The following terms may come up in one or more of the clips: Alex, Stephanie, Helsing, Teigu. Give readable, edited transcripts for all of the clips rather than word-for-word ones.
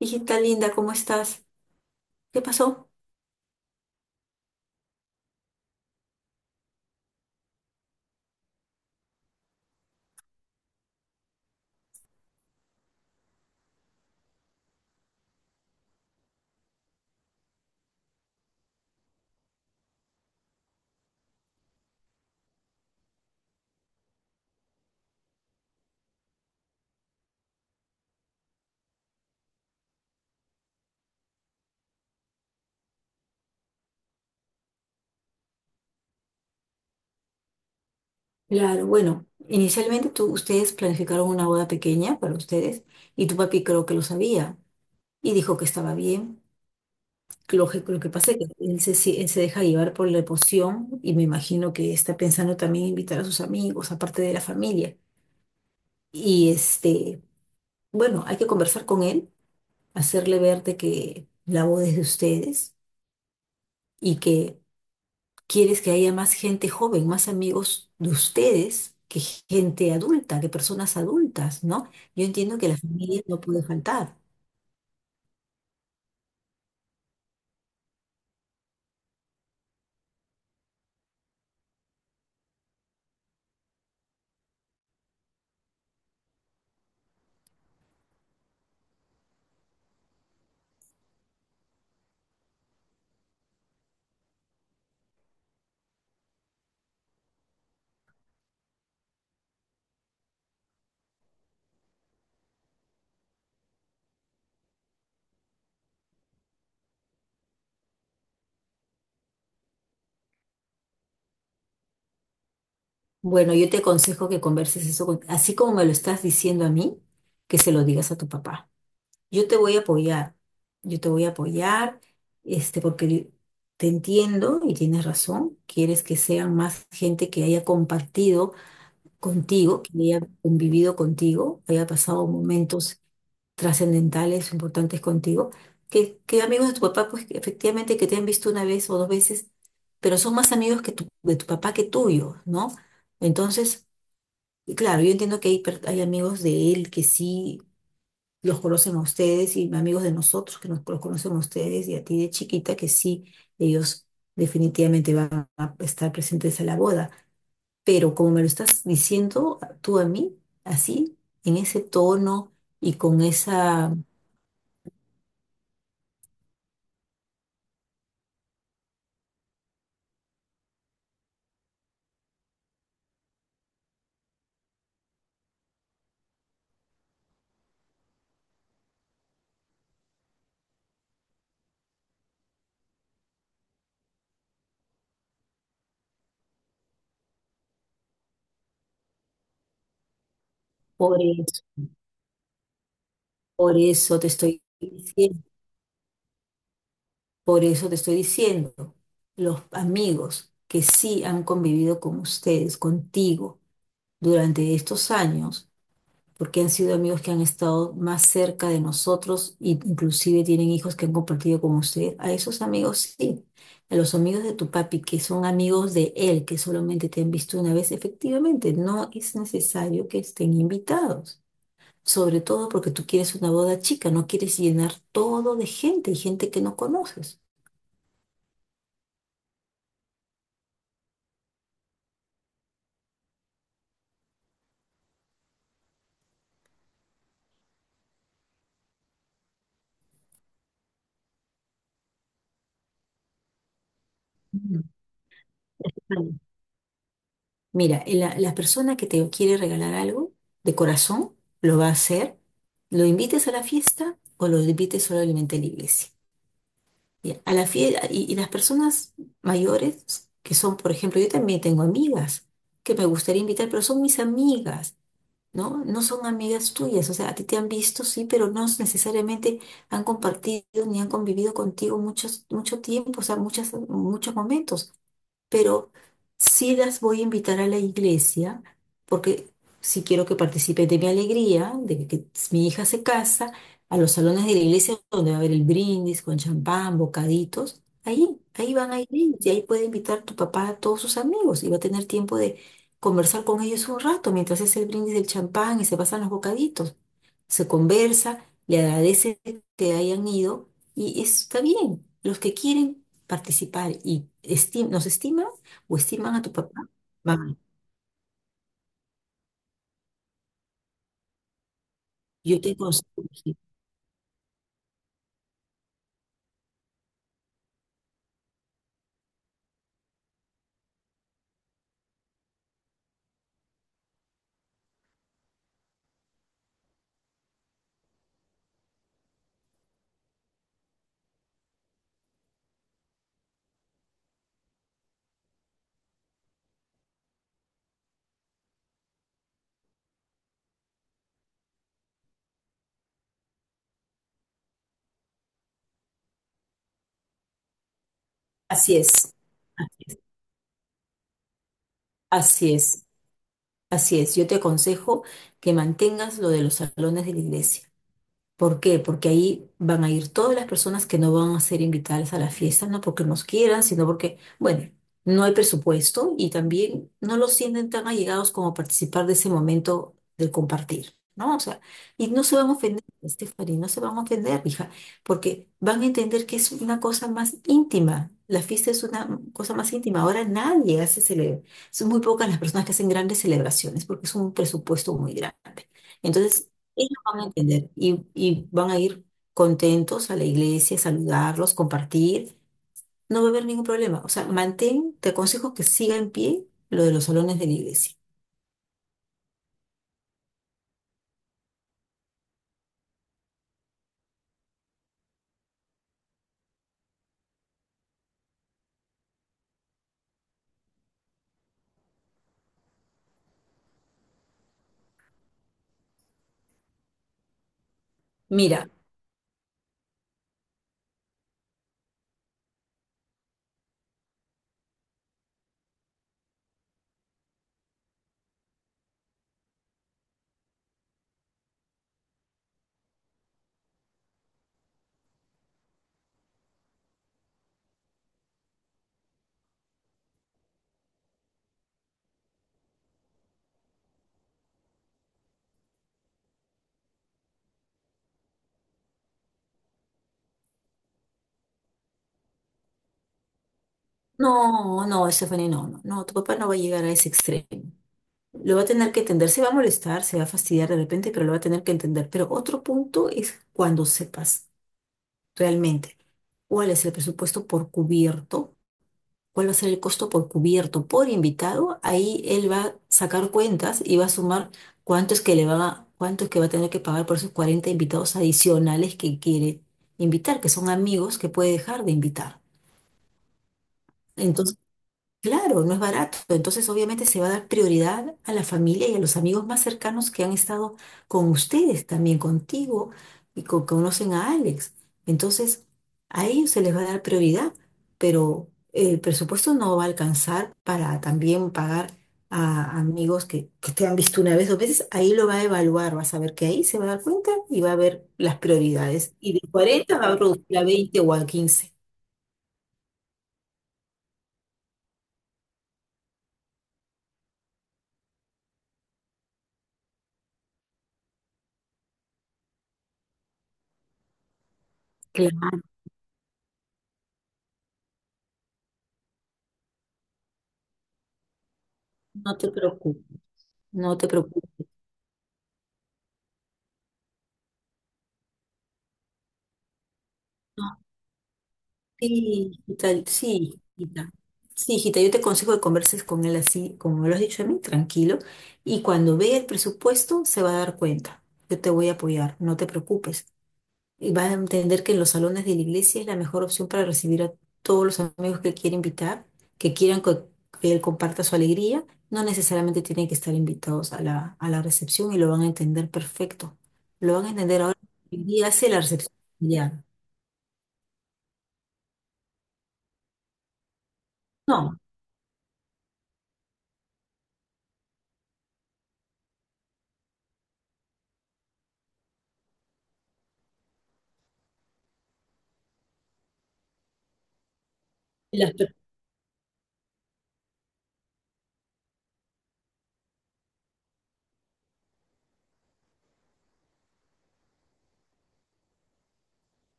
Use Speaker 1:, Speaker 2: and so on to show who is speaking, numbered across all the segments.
Speaker 1: Hijita linda, ¿cómo estás? ¿Qué pasó? Claro, bueno, inicialmente ustedes planificaron una boda pequeña para ustedes y tu papi creo que lo sabía y dijo que estaba bien. Lo que pasa es que él se, si- él se deja llevar por la emoción y me imagino que está pensando también invitar a sus amigos, aparte de la familia. Y bueno, hay que conversar con él, hacerle ver de que la boda es de ustedes y que quieres que haya más gente joven, más amigos de ustedes que gente adulta, que personas adultas, ¿no? Yo entiendo que la familia no puede faltar. Bueno, yo te aconsejo que converses eso con- así como me lo estás diciendo a mí, que se lo digas a tu papá. Yo te voy a apoyar, yo te voy a apoyar, porque te entiendo y tienes razón, quieres que sean más gente que haya compartido contigo, que haya convivido contigo, haya pasado momentos trascendentales, importantes contigo, que amigos de tu papá, pues que efectivamente que te han visto una vez o dos veces, pero son más amigos que tu- de tu papá que tuyo, ¿no? Entonces, y claro, yo entiendo que hay amigos de él que sí los conocen a ustedes y amigos de nosotros que los conocen a ustedes y a ti de chiquita que sí, ellos definitivamente van a estar presentes en la boda, pero como me lo estás diciendo tú a mí, así, en ese tono y con esa... por eso, por eso te estoy diciendo, por eso te estoy diciendo, los amigos que sí han convivido con ustedes, contigo, durante estos años, porque han sido amigos que han estado más cerca de nosotros e inclusive tienen hijos que han compartido con usted. A esos amigos sí, a los amigos de tu papi que son amigos de él, que solamente te han visto una vez, efectivamente, no es necesario que estén invitados. Sobre todo porque tú quieres una boda chica, no quieres llenar todo de gente y gente que no conoces. Mm. Vale. Mira, la persona que te quiere regalar algo de corazón lo va a hacer, lo invites a la fiesta o lo invites solamente a la iglesia. Ya, y las personas mayores, que son, por ejemplo, yo también tengo amigas que me gustaría invitar, pero son mis amigas, ¿no? No son amigas tuyas, o sea, a ti te han visto, sí, pero no necesariamente han compartido ni han convivido contigo mucho tiempo, o sea, muchos momentos, pero sí las voy a invitar a la iglesia porque sí quiero que participen de mi alegría, de que mi hija se casa, a los salones de la iglesia donde va a haber el brindis con champán, bocaditos. Ahí van a ir ellos, y ahí puede invitar tu papá a todos sus amigos y va a tener tiempo de conversar con ellos un rato mientras hace el brindis del champán y se pasan los bocaditos. Se conversa, le agradece que hayan ido y está bien. Los que quieren participar y nos estiman o estiman a tu papá, mamá, yo te aconsejo que- así es, así es, así es, así es, yo te aconsejo que mantengas lo de los salones de la iglesia. ¿Por qué? Porque ahí van a ir todas las personas que no van a ser invitadas a la fiesta, no porque nos quieran, sino porque, bueno, no hay presupuesto y también no los sienten tan allegados como participar de ese momento del compartir, ¿no? O sea, y no se van a ofender, Stephanie, no se van a ofender, hija, porque van a entender que es una cosa más íntima. La fiesta es una cosa más íntima. Ahora nadie hace celebrar. Son muy pocas las personas que hacen grandes celebraciones porque es un presupuesto muy grande. Entonces, ellos van a entender y van a ir contentos a la iglesia, saludarlos, compartir. No va a haber ningún problema. O sea, mantén, te aconsejo que siga en pie lo de los salones de la iglesia. Mira, no, no, Stephanie, no, no, no, tu papá no va a llegar a ese extremo. Lo va a tener que entender, se va a molestar, se va a fastidiar de repente, pero lo va a tener que entender. Pero otro punto es cuando sepas realmente cuál es el presupuesto por cubierto, cuál va a ser el costo por cubierto, por invitado. Ahí él va a sacar cuentas y va a sumar cuánto es que le va a, cuánto es que va a tener que pagar por esos 40 invitados adicionales que quiere invitar, que son amigos que puede dejar de invitar. Claro, no es barato. Entonces, obviamente, se va a dar prioridad a la familia y a los amigos más cercanos que han estado con ustedes, también contigo y conocen a Alex. Entonces, a ellos se les va a dar prioridad, pero el presupuesto no va a alcanzar para también pagar a amigos que te han visto una vez o veces. Ahí lo va a evaluar, vas a ver que ahí se va a dar cuenta y va a ver las prioridades. Y de 40 va a reducir a 20 o a 15. Claro, no te preocupes, no te preocupes. Sí, hijita, sí, hijita. Sí, hijita, yo te aconsejo que converses con él así, como me lo has dicho a mí, tranquilo. Y cuando vea el presupuesto, se va a dar cuenta. Yo te voy a apoyar, no te preocupes. Y vas a entender que en los salones de la iglesia es la mejor opción para recibir a todos los amigos que quiere invitar, que que él comparta su alegría. No necesariamente tienen que estar invitados a a la recepción y lo van a entender perfecto. Lo van a entender ahora. Hoy día hace la recepción. Familiar. No. Las...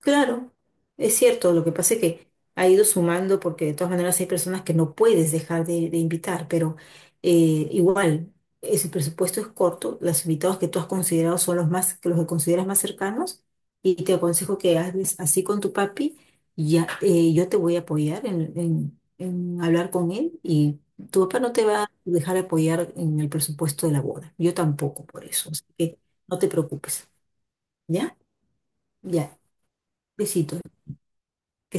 Speaker 1: Claro, es cierto, lo que pasa es que ha ido sumando porque de todas maneras hay personas que no puedes dejar de invitar, pero igual, ese presupuesto es corto, los invitados que tú has considerado son los más, que los que consideras más cercanos, y te aconsejo que hables así con tu papi, y ya, yo te voy a apoyar en hablar con él, y tu papá no te va a dejar apoyar en el presupuesto de la boda, yo tampoco por eso, así que no te preocupes, ¿ya? Ya, besitos. Que.